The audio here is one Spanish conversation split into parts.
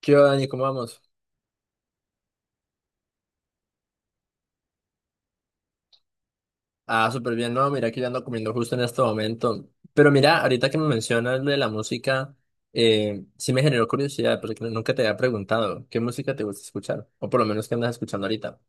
¿Qué va, Dani? ¿Cómo vamos? Ah, súper bien. No, mira que yo ando comiendo justo en este momento. Pero mira, ahorita que me mencionas lo de la música, sí me generó curiosidad, porque no, nunca te había preguntado qué música te gusta escuchar, o por lo menos qué andas escuchando ahorita.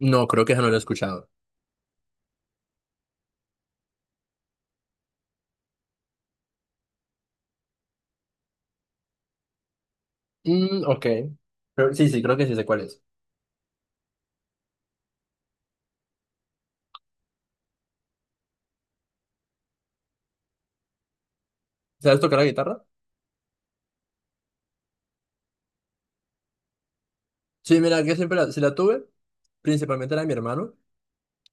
No, creo que ya no lo he escuchado. Mm, ok. Pero sí, sí, creo que sí sé cuál es. ¿Sabes tocar la guitarra? Sí, mira, que siempre sí la tuve, principalmente la de mi hermano,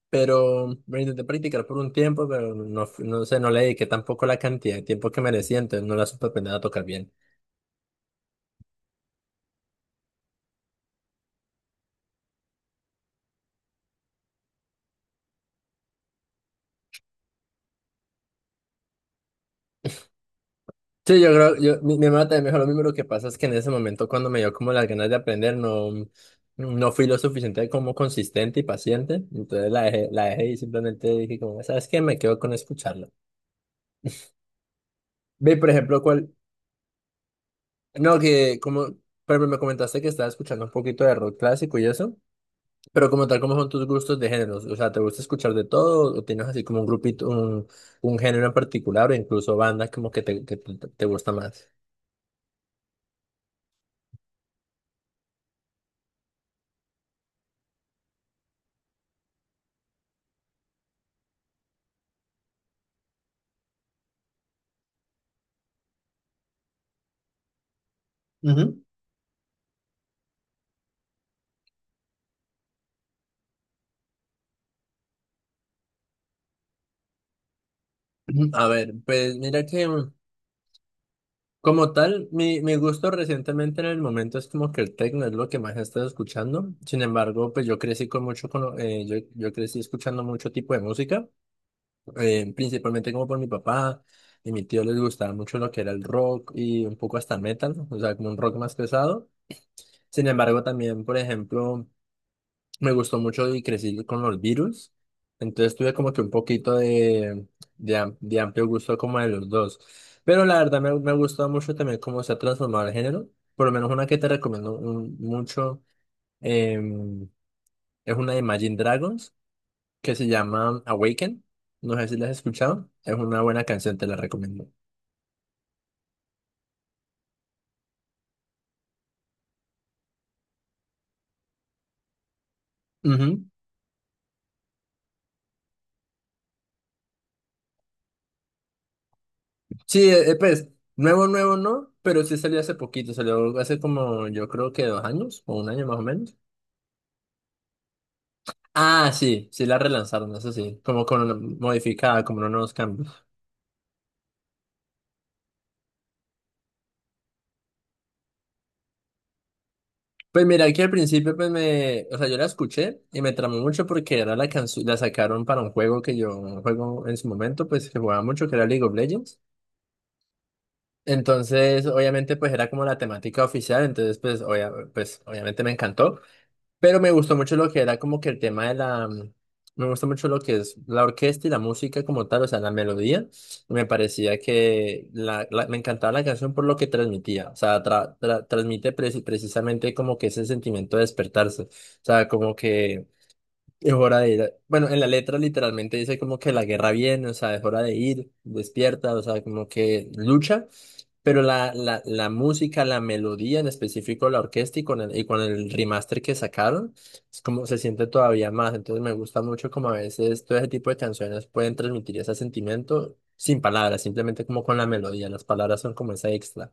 pero me intenté practicar por un tiempo, pero no, no sé, no le dediqué tampoco la cantidad de tiempo que merecía, entonces no la supe aprender a tocar bien. Sí, yo creo, yo, mi hermana también me dijo lo mismo, lo que pasa es que en ese momento cuando me dio como las ganas de aprender, no, no fui lo suficiente como consistente y paciente, entonces la dejé y simplemente dije como, ¿sabes qué? Me quedo con escucharlo. Ve, por ejemplo, cuál, no, que como, pero me comentaste que estabas escuchando un poquito de rock clásico y eso, pero como tal, ¿cómo son tus gustos de géneros? O sea, ¿te gusta escuchar de todo o tienes así como un grupito, un género en particular o incluso bandas como que te, que te gusta más? Ujú. Ujú. A ver, pues mira que... Como tal, mi gusto recientemente en el momento es como que el techno es lo que más he estado escuchando. Sin embargo, pues yo crecí con mucho, yo crecí escuchando mucho tipo de música, principalmente como por mi papá y mi tío les gustaba mucho lo que era el rock y un poco hasta el metal, o sea, como un rock más pesado. Sin embargo, también, por ejemplo, me gustó mucho y crecí con los virus. Entonces tuve como que un poquito de, de amplio gusto como de los dos. Pero la verdad me, me ha gustado mucho también cómo se ha transformado el género. Por lo menos una que te recomiendo mucho em, es una de Imagine Dragons que se llama Awaken. No sé si la has escuchado. Es una buena canción, te la recomiendo. Ujú. Sí, pues nuevo, nuevo no, pero sí salió hace poquito. Salió hace como yo creo que dos años o un año más o menos. Ah, sí, sí la relanzaron, eso sí, como con una modificada, como unos cambios. Pues mira, que al principio pues me, o sea, yo la escuché y me tramó mucho porque era la canción, la sacaron para un juego que yo juego en su momento, pues que jugaba mucho, que era League of Legends. Entonces, obviamente, pues era como la temática oficial, entonces pues, pues obviamente me encantó. Pero me gustó mucho lo que era como que el tema de la... Me gusta mucho lo que es la orquesta y la música como tal, o sea, la melodía. Me parecía que me encantaba la canción por lo que transmitía. O sea, transmite precisamente como que ese sentimiento de despertarse. O sea, como que... Es hora de ir. Bueno, en la letra literalmente dice como que la guerra viene, o sea, es hora de ir, despierta, o sea, como que lucha, pero la música, la melodía en específico, la orquesta y con el remaster que sacaron, es como se siente todavía más. Entonces me gusta mucho como a veces todo ese tipo de canciones pueden transmitir ese sentimiento sin palabras, simplemente como con la melodía. Las palabras son como esa extra.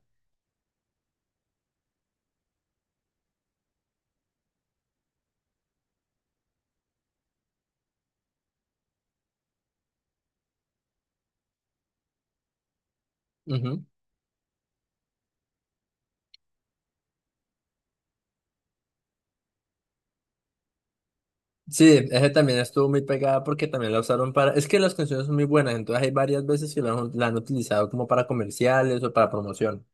Sí, ese también estuvo muy pegada porque también la usaron para... Es que las canciones son muy buenas, entonces hay varias veces que la han utilizado como para comerciales o para promoción.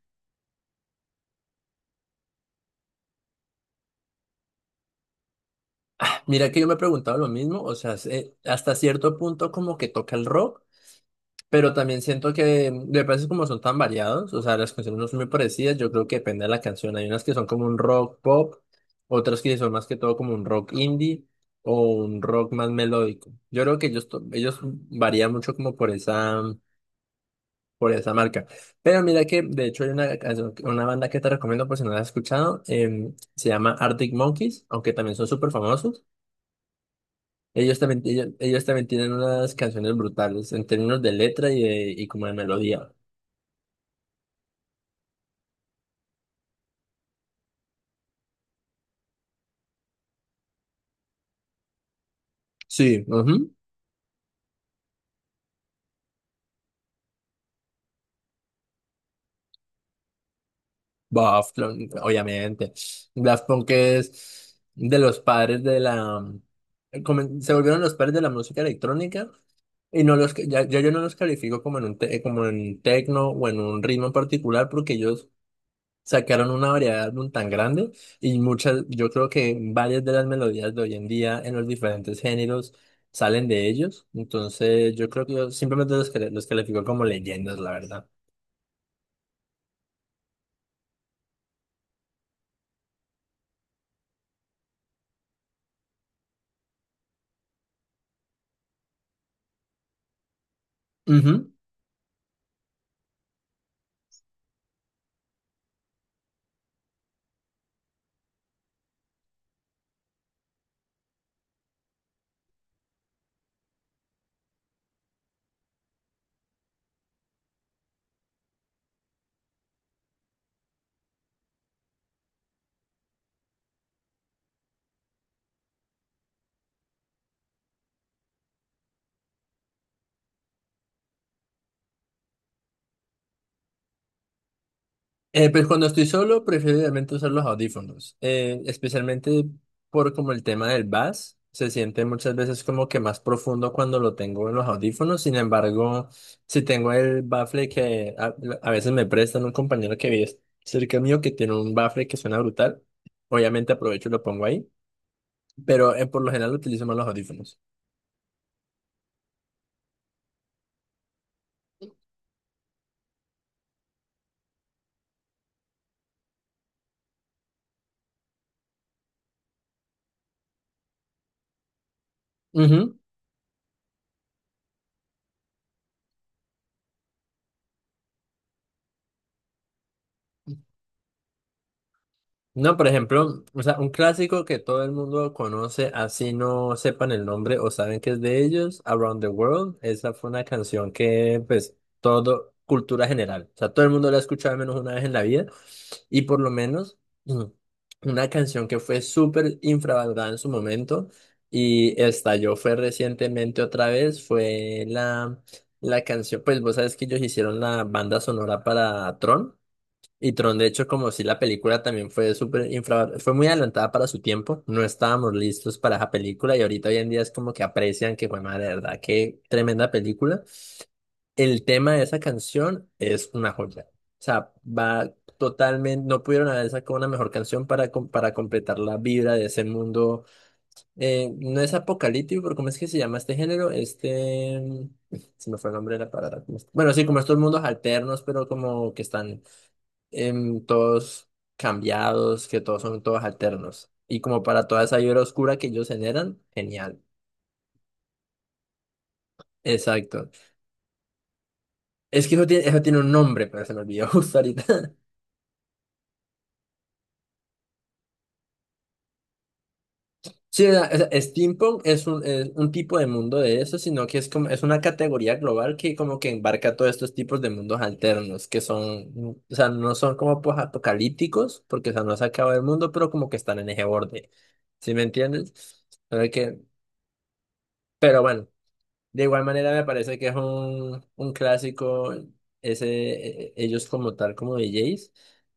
Mira que yo me he preguntado lo mismo, o sea, se- hasta cierto punto como que toca el rock, pero también siento que mm, de veces como son tan variados, o sea, las canciones no son muy parecidas, yo creo que depende de la canción. Hay unas que son como un rock pop, otras que son más que todo como un rock indie o un rock más melódico. Yo creo que ellos, ellos varían mucho como por esa marca. Pero mira que, de hecho, hay una, una banda que te recomiendo por si no la has escuchado. Se llama Arctic Monkeys, aunque también son súper famosos. Ellos también, ellos también tienen unas canciones brutales en términos de letra y como de melodía. Sí, ujú. Daft Punk, obviamente. Daft Punk es de los padres de la... Se volvieron los padres de la música electrónica. Y no los, ya yo no los califico como en un como en techno o en un ritmo en particular porque ellos sacaron una variedad de álbum tan grande y muchas, yo creo que varias de las melodías de hoy en día en los diferentes géneros salen de ellos. Entonces, yo creo que yo simplemente los califico como leyendas, la verdad. Ujú. Pues cuando estoy solo, prefiero realmente usar los audífonos, especialmente por como el tema del bass, se siente muchas veces como que más profundo cuando lo tengo en los audífonos. Sin embargo, si tengo el baffle a veces me prestan un compañero que vive cerca mío que tiene un baffle que suena brutal, obviamente aprovecho y lo pongo ahí, pero por lo general utilizo más los audífonos. No, por ejemplo, o sea, un clásico que todo el mundo conoce, así no sepan el nombre o saben que es de ellos, Around the World, esa fue una canción que, pues, todo, cultura general, o sea, todo el mundo la ha escuchado al menos una vez en la vida, y por lo menos mm, una canción que fue súper infravalorada en su momento y estalló fue recientemente otra vez, la canción, pues vos sabes que ellos hicieron la banda sonora para Tron. Y Tron, de hecho, como si la película también fue súper infra, fue muy adelantada para su tiempo, no estábamos listos para esa película y ahorita hoy en día es como que aprecian que fue madre, de verdad, qué tremenda película. El tema de esa canción es una joya. O sea, va totalmente, no pudieron haber sacado una mejor canción para, para completar la vibra de ese mundo. No es apocalíptico, pero ¿cómo es que se llama este género? Este, se me fue el nombre de la palabra. Bueno, sí, como estos mundos alternos, pero como que están todos cambiados, que todos son todos alternos. Y como para toda esa vibra oscura que ellos generan, genial. Exacto. Es que eso tiene un nombre, pero se me olvidó justo ahorita. Sí, o sea, steampunk es un tipo de mundo de eso, sino que es como, es una categoría global que como que embarca todos estos tipos de mundos alternos, que son, mm, o sea, no son como pues, apocalípticos, porque o sea, no se acaba el mundo, pero como que están en ese borde. ¿Sí me entiendes? Pero que, pero bueno. De igual manera me parece que es un clásico ese, ellos como tal, como DJs,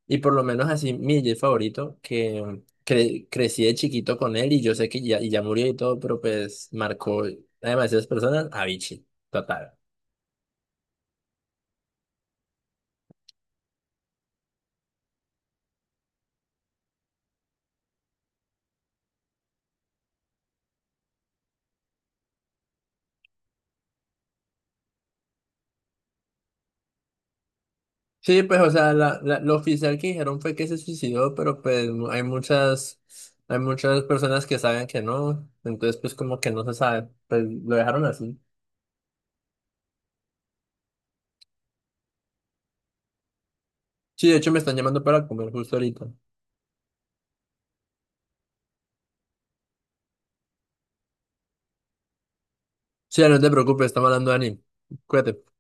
y por lo menos así mi DJ favorito, que mm, crecí de chiquito con él y yo sé que ya, y ya murió y todo, pero pues marcó a demasiadas personas, Avicii, total. Sí, pues o sea, lo oficial que dijeron fue que se suicidó, pero pues hay muchas personas que saben que no, entonces pues como que no se sabe, pues lo dejaron así. Sí, de hecho me están llamando para comer justo ahorita. Sí, no te preocupes, estamos hablando de anime. Cuídate.